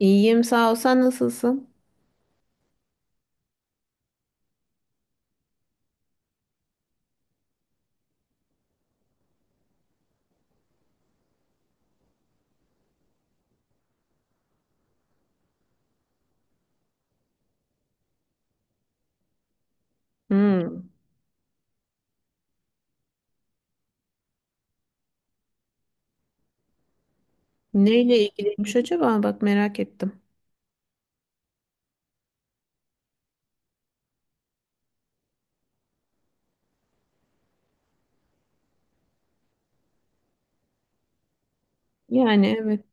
İyiyim sağ ol. Sen nasılsın? Hmm. Neyle ilgiliymiş acaba? Bak merak ettim. Yani evet.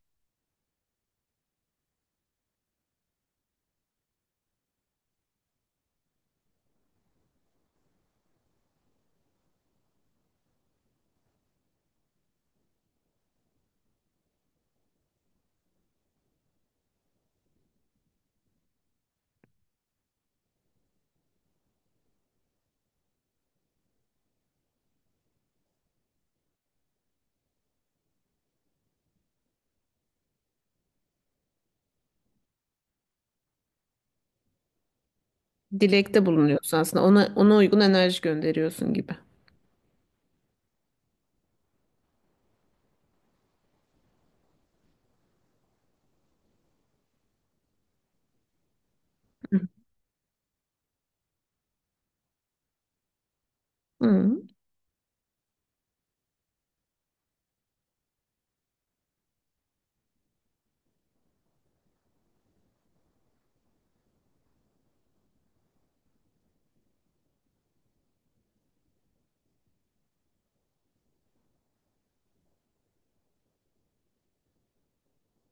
Dilekte bulunuyorsun aslında. Ona, ona uygun enerji gönderiyorsun gibi. Hı hı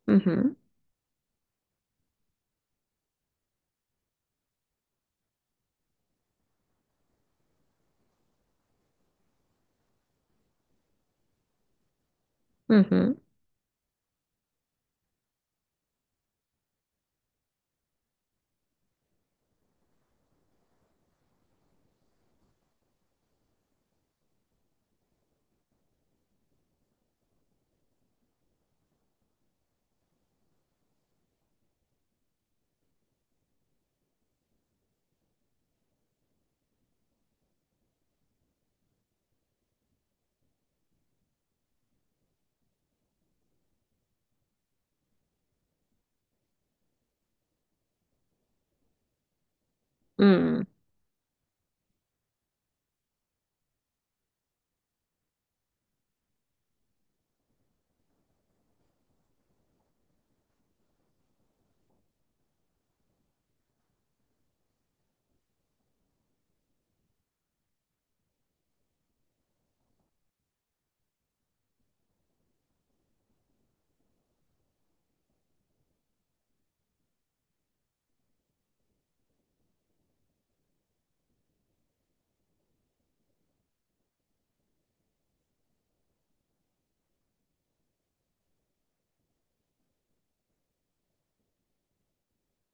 hı hı hı. Hı.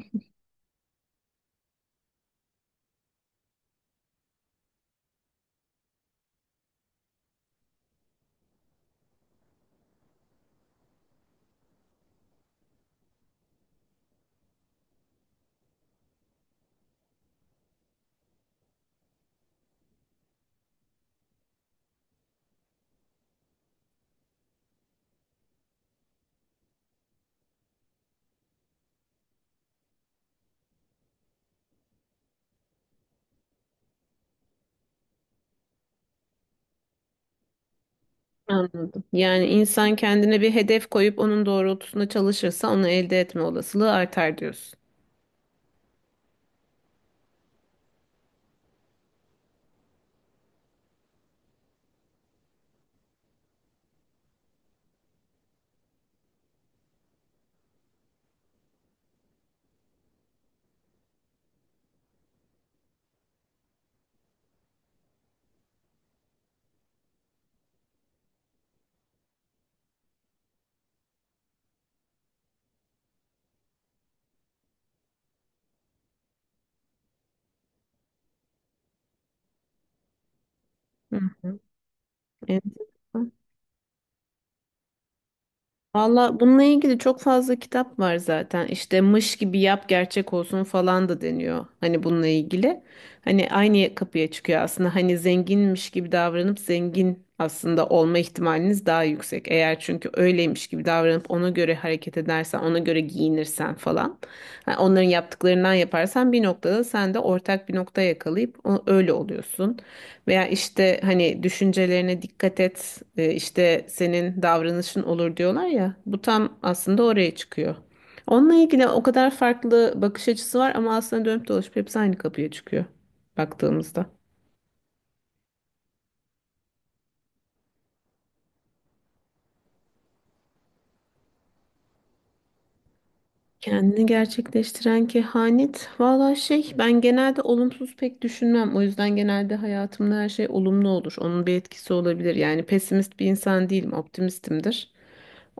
Anladım. Yani insan kendine bir hedef koyup onun doğrultusunda çalışırsa onu elde etme olasılığı artar diyorsun. Hı hı. Enteresan. Valla bununla ilgili çok fazla kitap var zaten. İşte mış gibi yap gerçek olsun falan da deniyor. Hani bununla ilgili. Hani aynı kapıya çıkıyor aslında. Hani zenginmiş gibi davranıp zengin aslında olma ihtimaliniz daha yüksek. Eğer çünkü öyleymiş gibi davranıp ona göre hareket edersen, ona göre giyinirsen falan. Ha, onların yaptıklarından yaparsan bir noktada sen de ortak bir nokta yakalayıp öyle oluyorsun. Veya işte hani düşüncelerine dikkat et, işte senin davranışın olur diyorlar ya. Bu tam aslında oraya çıkıyor. Onunla ilgili o kadar farklı bakış açısı var ama aslında dönüp dolaşıp hepsi aynı kapıya çıkıyor baktığımızda. Kendini gerçekleştiren kehanet. Valla şey ben genelde olumsuz pek düşünmem. O yüzden genelde hayatımda her şey olumlu olur. Onun bir etkisi olabilir. Yani pesimist bir insan değilim, optimistimdir.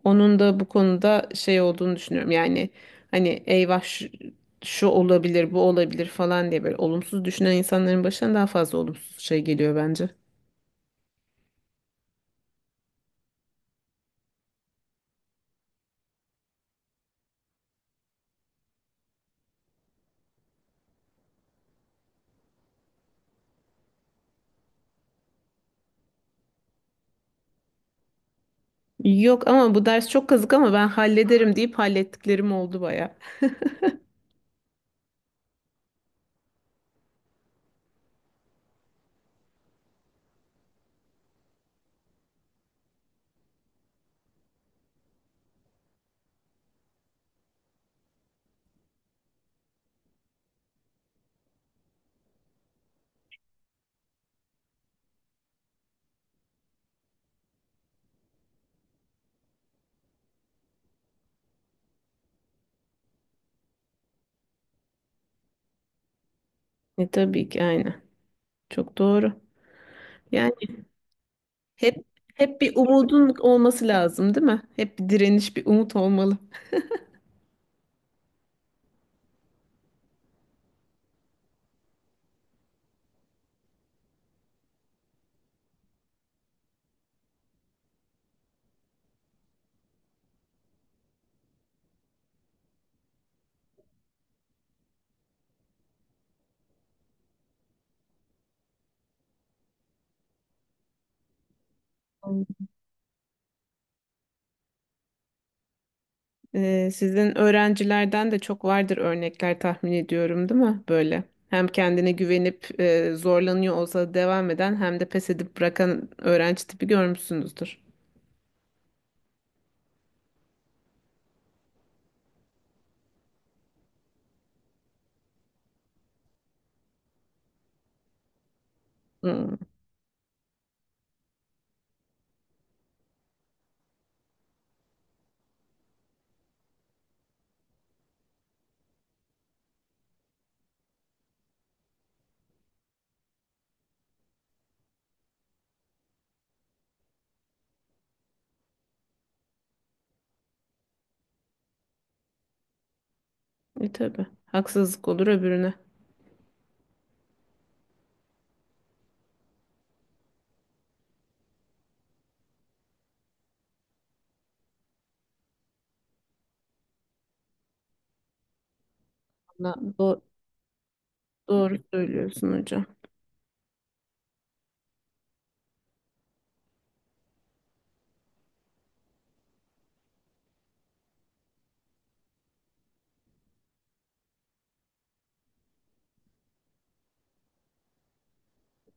Onun da bu konuda şey olduğunu düşünüyorum. Yani hani eyvah şu, şu olabilir, bu olabilir falan diye böyle olumsuz düşünen insanların başına daha fazla olumsuz şey geliyor bence. Yok ama bu ders çok kazık ama ben hallederim deyip hallettiklerim oldu baya. E tabii ki aynen. Çok doğru. Yani hep hep bir umudun olması lazım, değil mi? Hep bir direniş, bir umut olmalı. Sizin öğrencilerden de çok vardır örnekler tahmin ediyorum, değil mi? Böyle. Hem kendine güvenip zorlanıyor olsa devam eden hem de pes edip bırakan öğrenci tipi görmüşsünüzdür. Hmm. E tabii. Haksızlık olur öbürüne. Valla doğru söylüyorsun hocam.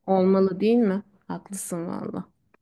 Olmalı değil mi? Haklısın valla.